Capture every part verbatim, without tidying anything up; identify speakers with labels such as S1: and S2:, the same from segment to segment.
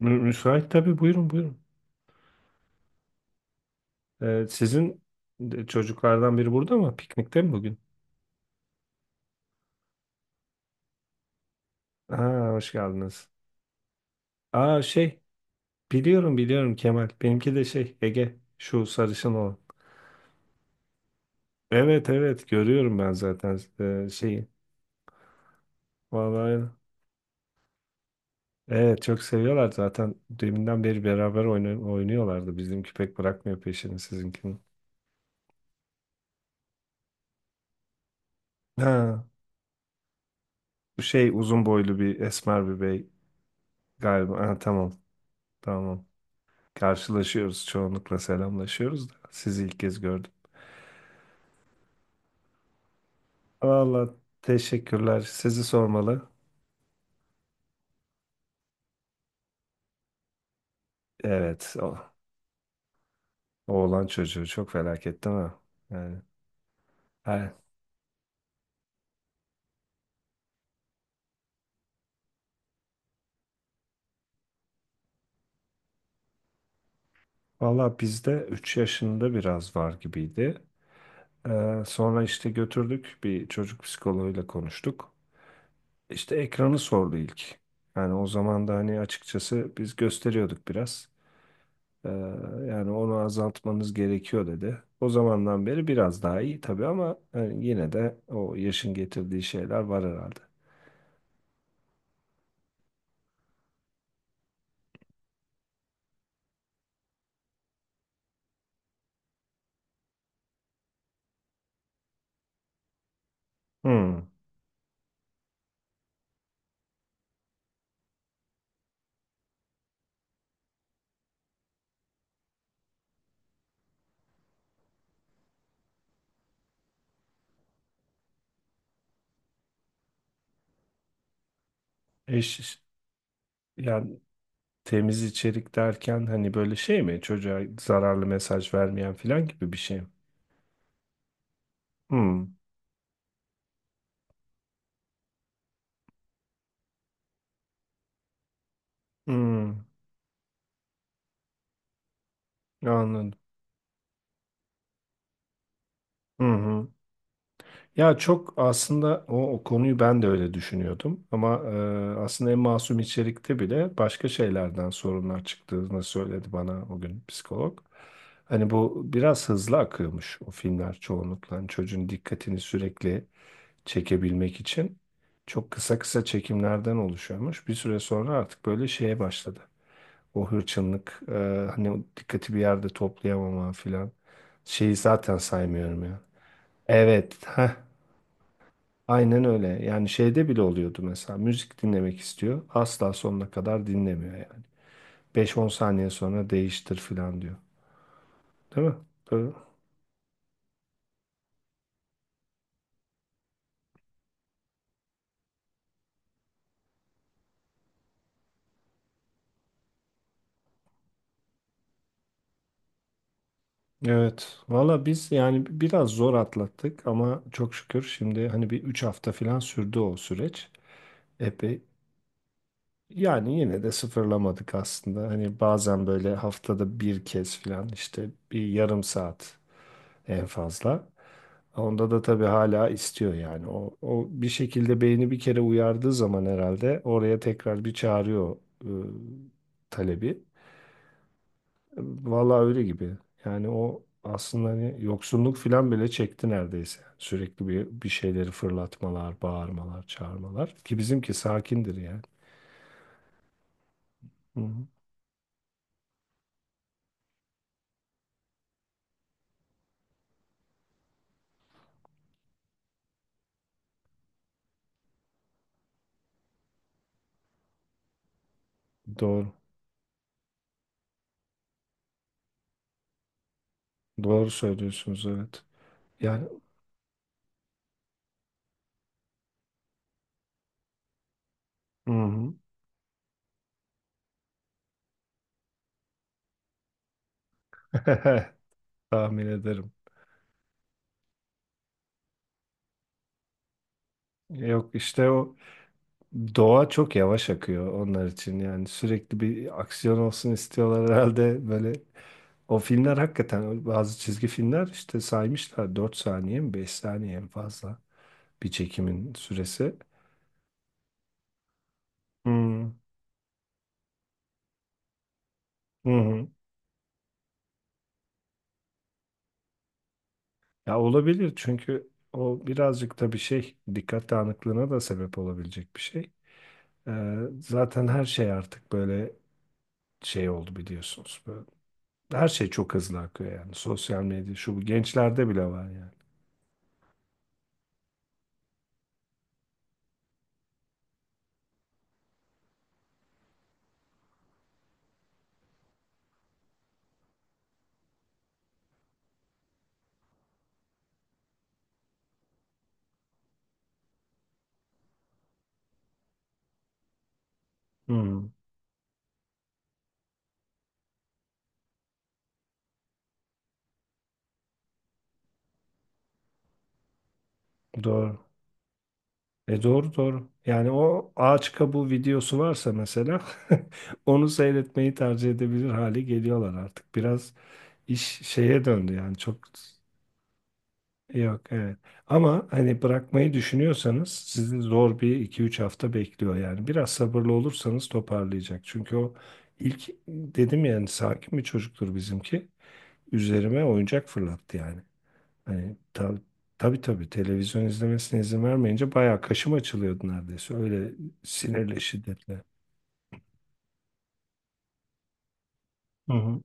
S1: Mü- Müsait tabii, buyurun buyurun. Ee, sizin de- Çocuklardan biri burada mı? Piknikte mi bugün? Aa, hoş geldiniz. Aa şey Biliyorum, biliyorum Kemal. Benimki de şey Ege, şu sarışın olan. Evet evet, görüyorum ben zaten e, şeyi. Vallahi evet, çok seviyorlar zaten. Deminden beri beraber oyna- oynuyorlardı. Bizim köpek bırakmıyor peşini sizinkinin. Ha bu şey uzun boylu bir esmer bir bey galiba. Ha, tamam tamam. Karşılaşıyoruz çoğunlukla, selamlaşıyoruz da sizi ilk kez gördüm. Valla teşekkürler. Sizi sormalı. Evet, o oğlan çocuğu çok felaket değil mi? Yani, he. Valla, bizde üç yaşında biraz var gibiydi. Ee, sonra işte götürdük, bir çocuk psikoloğuyla konuştuk. İşte ekranı sordu ilk. Yani o zaman da hani, açıkçası, biz gösteriyorduk biraz. Ee, Yani onu azaltmanız gerekiyor dedi. O zamandan beri biraz daha iyi tabii, ama yani yine de o yaşın getirdiği şeyler var herhalde. Hmm. Eş, Yani temiz içerik derken hani böyle şey mi? Çocuğa zararlı mesaj vermeyen falan gibi bir şey mi? Hmm. Hmm. Anladım. Hı hı. Ya, çok aslında o, o konuyu ben de öyle düşünüyordum, ama e, aslında en masum içerikte bile başka şeylerden sorunlar çıktığını söyledi bana o gün psikolog. Hani bu biraz hızlı akıyormuş o filmler çoğunlukla. Hani çocuğun dikkatini sürekli çekebilmek için çok kısa kısa çekimlerden oluşuyormuş. Bir süre sonra artık böyle şeye başladı. O hırçınlık, e, hani o dikkati bir yerde toplayamama filan. Şeyi zaten saymıyorum ya. Evet. Heh. Aynen öyle. Yani şeyde bile oluyordu mesela. Müzik dinlemek istiyor. Asla sonuna kadar dinlemiyor yani. Beş on saniye sonra değiştir falan diyor. Değil mi? Böyle. Evet. Valla biz yani biraz zor atlattık, ama çok şükür şimdi, hani, bir üç hafta falan sürdü o süreç. Epey. Yani yine de sıfırlamadık aslında. Hani bazen böyle haftada bir kez falan, işte bir yarım saat en fazla. Onda da tabii hala istiyor yani. O, o bir şekilde beyni bir kere uyardığı zaman herhalde oraya tekrar bir çağırıyor e, talebi. Vallahi öyle gibi. Yani o aslında hani yoksunluk falan bile çekti neredeyse. Sürekli bir, bir şeyleri fırlatmalar, bağırmalar, çağırmalar. Ki bizimki sakindir yani. Hı hı. Doğru. Doğru söylüyorsunuz, evet. Yani, hı hı. Tahmin ederim. Yok işte o Doğa çok yavaş akıyor onlar için, yani sürekli bir aksiyon olsun istiyorlar herhalde. Böyle, o filmler hakikaten, bazı çizgi filmler işte, saymışlar dört saniye mi beş saniye, en fazla bir çekimin süresi. Hmm. Hı hı. Ya, olabilir, çünkü o birazcık da bir şey, dikkat dağınıklığına da sebep olabilecek bir şey. Ee, Zaten her şey artık böyle şey oldu, biliyorsunuz. Böyle, her şey çok hızlı akıyor yani, sosyal medya şu bu gençlerde bile var yani. Hı. Doğru. E, doğru doğru. Yani o ağaç kabuğu videosu varsa mesela onu seyretmeyi tercih edebilir hale geliyorlar artık. Biraz iş şeye döndü yani, çok yok evet. Ama hani bırakmayı düşünüyorsanız sizi zor bir iki üç hafta bekliyor yani. Biraz sabırlı olursanız toparlayacak. Çünkü o ilk dedim yani, sakin bir çocuktur bizimki. Üzerime oyuncak fırlattı yani. Hani tabii, tabii tabii, televizyon izlemesine izin vermeyince bayağı kaşım açılıyordu neredeyse. Öyle, sinirle, şiddetle. Hı hı.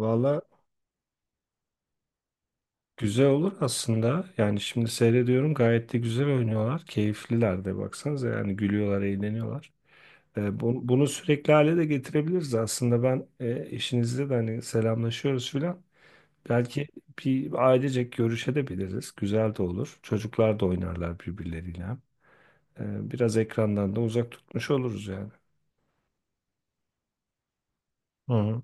S1: Valla, güzel olur aslında. Yani şimdi seyrediyorum gayet de güzel oynuyorlar. Keyifliler de, baksanıza, yani gülüyorlar, eğleniyorlar. E, bu- bunu sürekli hale de getirebiliriz aslında. Ben, e, eşinizle de hani selamlaşıyoruz filan. Belki bir ailecek görüşebiliriz. Güzel de olur. Çocuklar da oynarlar birbirleriyle. Ee, biraz ekrandan da uzak tutmuş oluruz yani. Hı hı.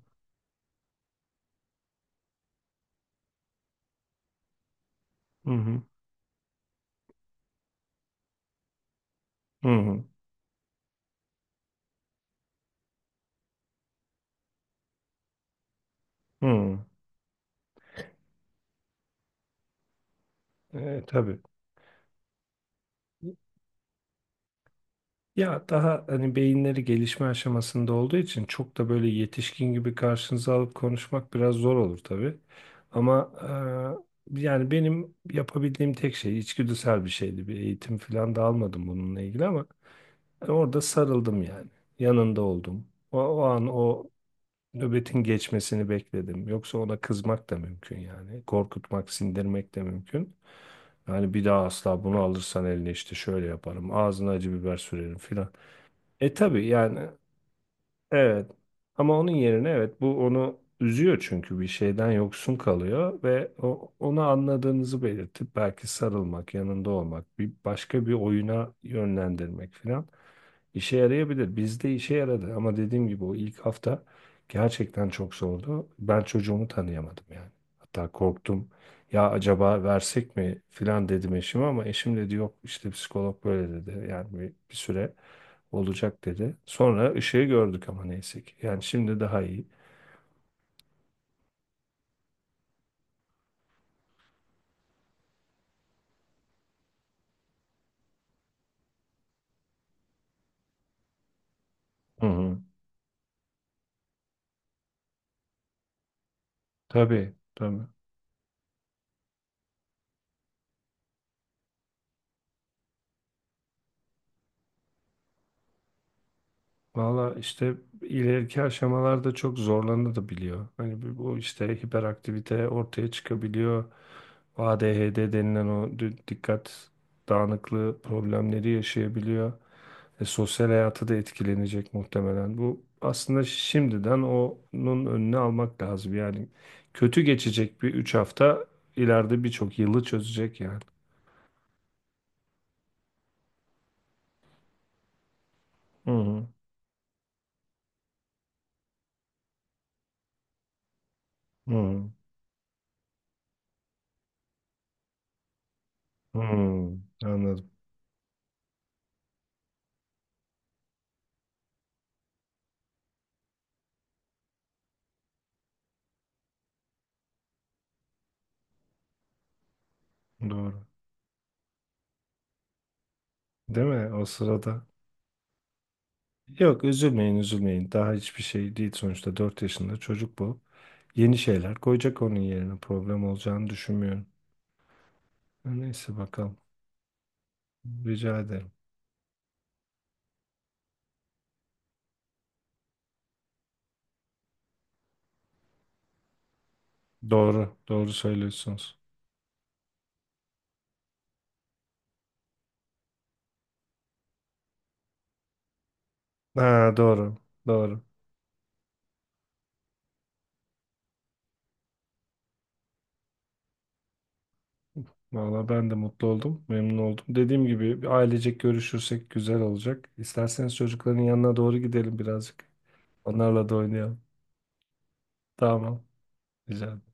S1: Hı hı. Hı hı. Hı. Ee, tabii. Ya, daha hani beyinleri gelişme aşamasında olduğu için çok da böyle yetişkin gibi karşınıza alıp konuşmak biraz zor olur tabii. Ama e, yani benim yapabildiğim tek şey içgüdüsel bir şeydi. Bir eğitim falan da almadım bununla ilgili, ama e, orada sarıldım yani. Yanında oldum. O, o an o Nöbetin geçmesini bekledim. Yoksa ona kızmak da mümkün yani. Korkutmak, sindirmek de mümkün. Yani bir daha asla bunu alırsan eline işte şöyle yaparım. Ağzına acı biber sürerim filan. E, tabii yani, evet. Ama onun yerine, evet, bu onu üzüyor çünkü bir şeyden yoksun kalıyor, ve o, onu anladığınızı belirtip belki sarılmak, yanında olmak, bir başka bir oyuna yönlendirmek filan. İşe yarayabilir. Bizde işe yaradı, ama dediğim gibi o ilk hafta gerçekten çok zordu. Ben çocuğumu tanıyamadım yani. Hatta korktum. Ya, acaba versek mi filan dedim eşime, ama eşim dedi yok, işte psikolog böyle dedi. Yani bir, bir süre olacak dedi. Sonra ışığı gördük ama, neyse ki. Yani şimdi daha iyi. Hı hı. Tabii tabii. Valla işte, ileriki aşamalarda çok zorlanabiliyor. Hani bu bu işte hiperaktivite ortaya çıkabiliyor. A D H D denilen o dü- dikkat dağınıklığı problemleri yaşayabiliyor. E, sosyal hayatı da etkilenecek muhtemelen. Bu aslında şimdiden onun önüne almak lazım. Yani kötü geçecek bir üç hafta ileride birçok yılı çözecek yani. Hı hı. Hı hı. Anladım. Doğru. Değil mi o sırada? Yok, üzülmeyin üzülmeyin. Daha hiçbir şey değil sonuçta, dört yaşında çocuk bu. Yeni şeyler koyacak onun yerine, problem olacağını düşünmüyorum. Neyse, bakalım. Rica ederim. Doğru. Doğru söylüyorsunuz. Ha, doğru. Doğru. Valla, ben de mutlu oldum. Memnun oldum. Dediğim gibi, bir ailecek görüşürsek güzel olacak. İsterseniz çocukların yanına doğru gidelim birazcık. Onlarla da oynayalım. Tamam. Rica ederim.